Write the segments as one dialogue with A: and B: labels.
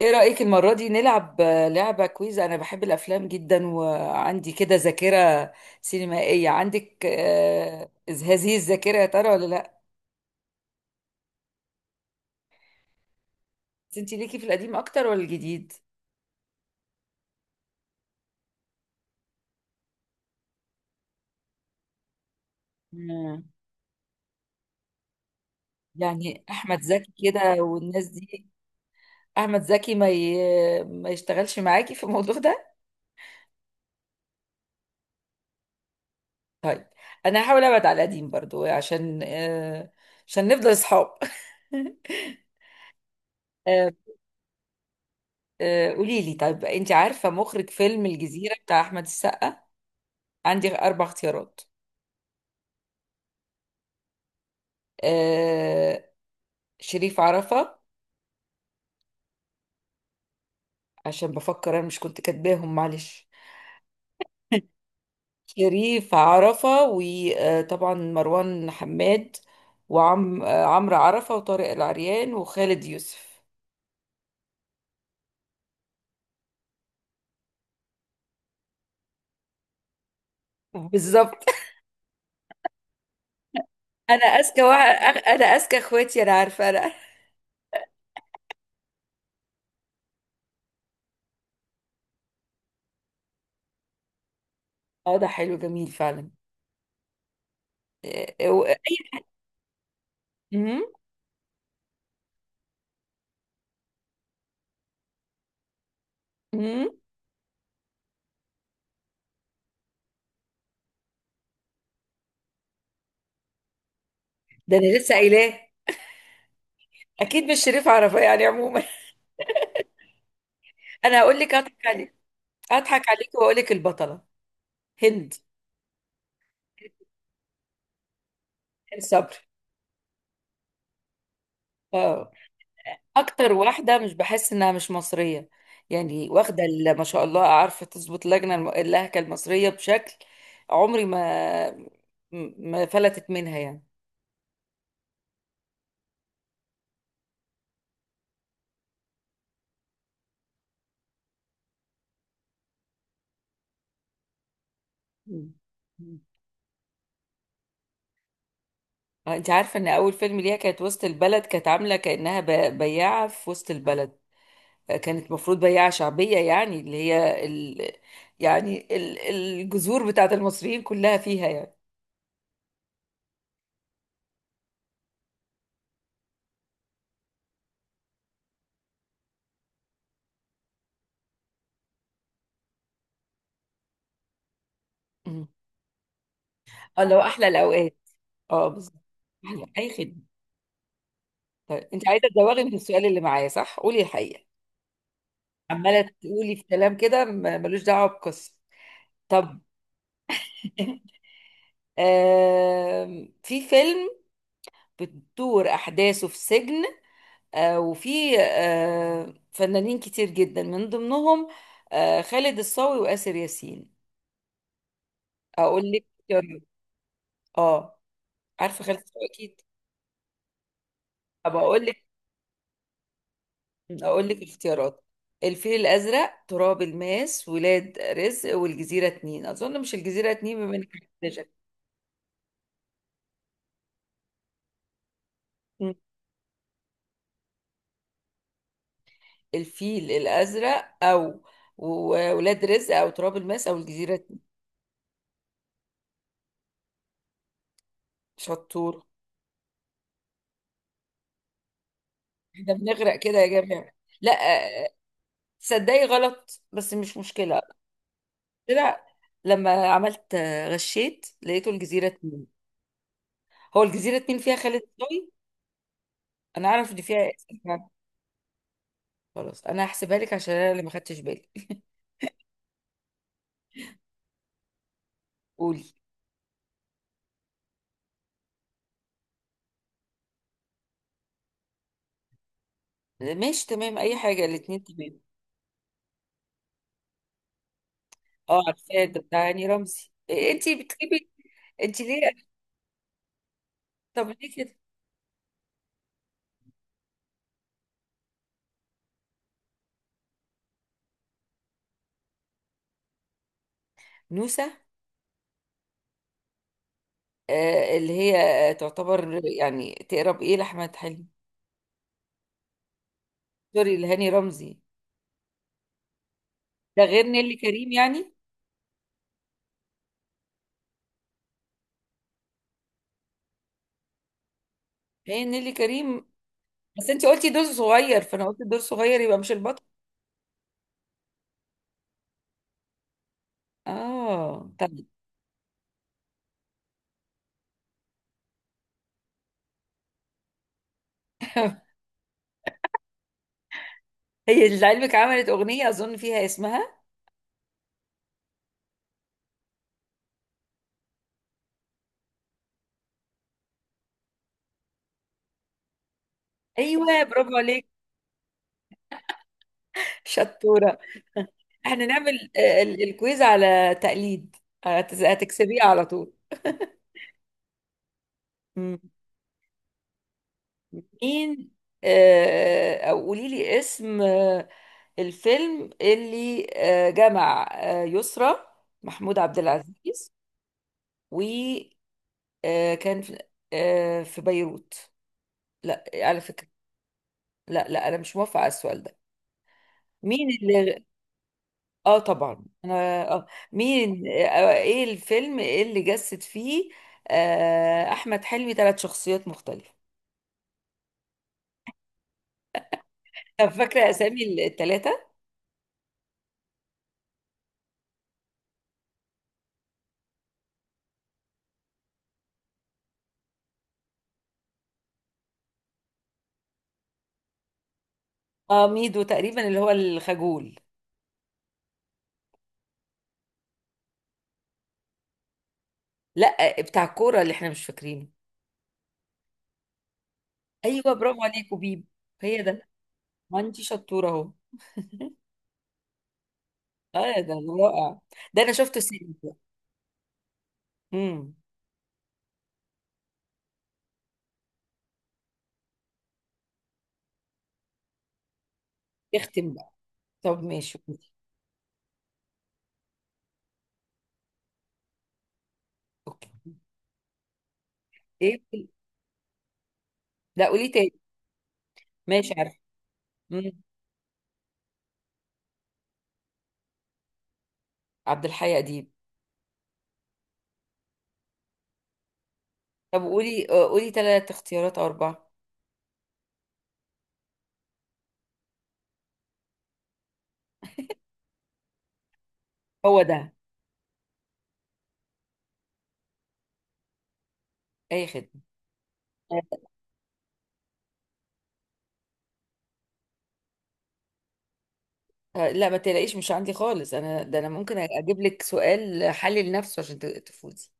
A: ايه رأيك المرة دي نلعب لعبة كويز. انا بحب الافلام جدا وعندي كده ذاكرة سينمائية. عندك هذه الذاكرة يا ترى ولا لا؟ بس انت ليكي في القديم اكتر ولا الجديد؟ مم. يعني احمد زكي كده والناس دي. احمد زكي ما يشتغلش معاكي في الموضوع ده؟ طيب، انا هحاول ابعد على القديم برضو عشان عشان نفضل اصحاب. آه، قولي لي، طيب انت عارفة مخرج فيلم الجزيرة بتاع احمد السقا؟ عندي أربع اختيارات. آه شريف عرفة، عشان بفكر أنا مش كنت كاتباهم، معلش. شريف عرفة، وطبعا مروان حماد، وعم آه، عمرو عرفة، وطارق العريان، وخالد يوسف. بالظبط. أنا أذكى واحد أنا أذكى إخواتي، أنا عارفة أنا. أه ده حلو، جميل فعلا. آه، و- مم، مم. ده أنا لسه قايلاه. أكيد مش شريف عرفة، يعني عموما. أنا هقول لك، أضحك عليك. أضحك عليك وأقول لك البطلة هند الصبر. اه، اكتر واحده مش بحس انها مش مصريه يعني. واخده ما شاء الله، عارفه تظبط لجنه اللهجه المصريه بشكل. عمري ما، ما فلتت منها يعني. مم. مم. انت عارفه ان اول فيلم ليها كانت وسط البلد؟ كانت عامله كانها بياعه في وسط البلد. كانت المفروض بياعه شعبيه يعني، اللي هي يعني الجذور بتاعت المصريين كلها فيها يعني. مم. الله، احلى الاوقات. اه بالظبط. احلى، اي خدمه. طيب انت عايزه تزوغي من السؤال اللي معايا، صح؟ قولي الحقيقه. عماله تقولي في كلام كده ملوش دعوه بقصه. طب. في فيلم بتدور احداثه في سجن، وفي فنانين كتير جدا من ضمنهم خالد الصاوي وآسر ياسين. اقول لك اختيارات. اه، عارفه خالد الصاوي اكيد. طب اقول لك، اقول لك اختيارات. الفيل الازرق، تراب الماس، ولاد رزق، والجزيره اتنين. اظن مش الجزيره اتنين بما انك محتاجة. مم. الفيل الازرق او ولاد رزق او تراب الماس او الجزيره اتنين. شطور. احنا بنغرق كده يا جماعه. لا، آه، تصدقي غلط بس مش مشكله. طلع، لما عملت غشيت، لقيته الجزيره اتنين. هو الجزيره اتنين فيها خالد صاوي. انا اعرف ان فيها إسلام. خلاص، انا هحسبها لك عشان انا اللي ما خدتش بالي. قولي. ماشي تمام، اي حاجه، الاتنين تمام. اه عارفاه، ده بتاع هاني رمزي. إيه، انتي بتكتبي؟ انتي ليه؟ طب ليه كده؟ نوسه. آه، اللي هي تعتبر يعني تقرب ايه لاحمد حلمي؟ سوري، لهاني رمزي. ده غير نيلي كريم يعني؟ هي نيلي كريم. بس انتي قلتي دور صغير، فانا قلت دور صغير يبقى مش البطل. اه تمام. هي لعلمك عملت اغنيه اظن فيها اسمها. ايوه برافو عليك. شطوره. احنا نعمل الكويز على تقليد، هتكسبيه على طول. مم. مين او قولي لي اسم الفيلم اللي جمع يسرا محمود عبد العزيز، وكان في في بيروت. لا على فكرة. لا لا، انا مش موافقة على السؤال ده. مين اللي؟ اه طبعا، انا اه. مين، ايه الفيلم اللي جسد فيه احمد حلمي ثلاث شخصيات مختلفة؟ طب فاكرة أسامي التلاتة؟ اه، ميدو تقريبا اللي هو الخجول. لا، بتاع الكورة اللي احنا مش فاكرينه. أيوه برافو عليك، وبيب، هي ده. ما انتي شطورة أهو. اه ده رائع. ده أنا شفته سينما. امم. اختم بقى. طب ماشي. اوكي. ايه؟ لا قولي تاني. ماشي، عارفة. امم. عبد الحي أديب. طب قولي قولي تلات اختيارات أو أربعة. هو ده. أي خدمة. لا ما تلاقيش، مش عندي خالص أنا. ده أنا ممكن أجيب لك سؤال حلل نفسه عشان تفوزي.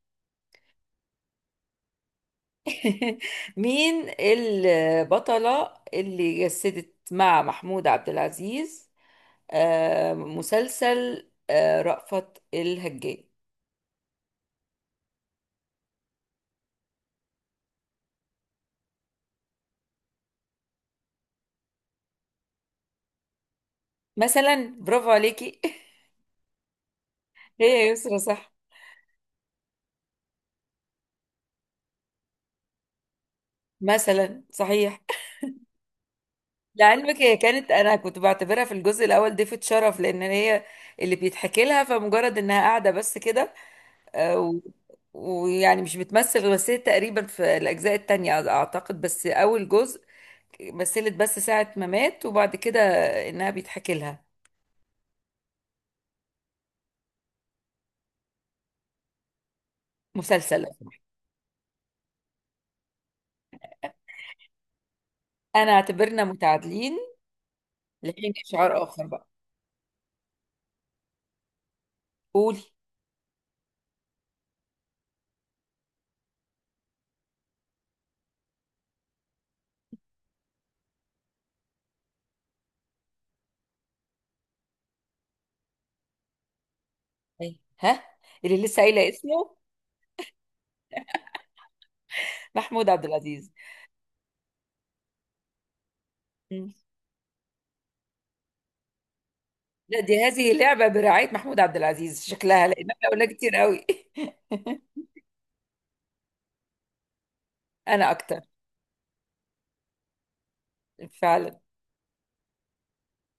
A: مين البطلة اللي جسدت مع محمود عبد العزيز مسلسل رأفت الهجان؟ مثلا برافو عليكي. هي يا يسرا، صح؟ مثلا، صحيح. لعلمك هي كانت، انا كنت بعتبرها في الجزء الاول ضيفة شرف، لان هي اللي بيتحكي لها، فمجرد انها قاعدة بس كده. آه، و- ويعني مش بتمثل. مثلت تقريبا في الأجزاء التانية أعتقد، بس أول جزء مثلت بس ساعة ما مات، وبعد كده إنها بيتحكي لها. مسلسل. أنا اعتبرنا متعادلين لحين إشعار آخر بقى. قولي. أي. ها. اللي لسه قايلة اسمه، محمود عبد العزيز. مم. لا، دي هذه اللعبة برعاية محمود عبد العزيز شكلها، لأن احنا قلنا كتير قوي. أنا أكتر. فعلا.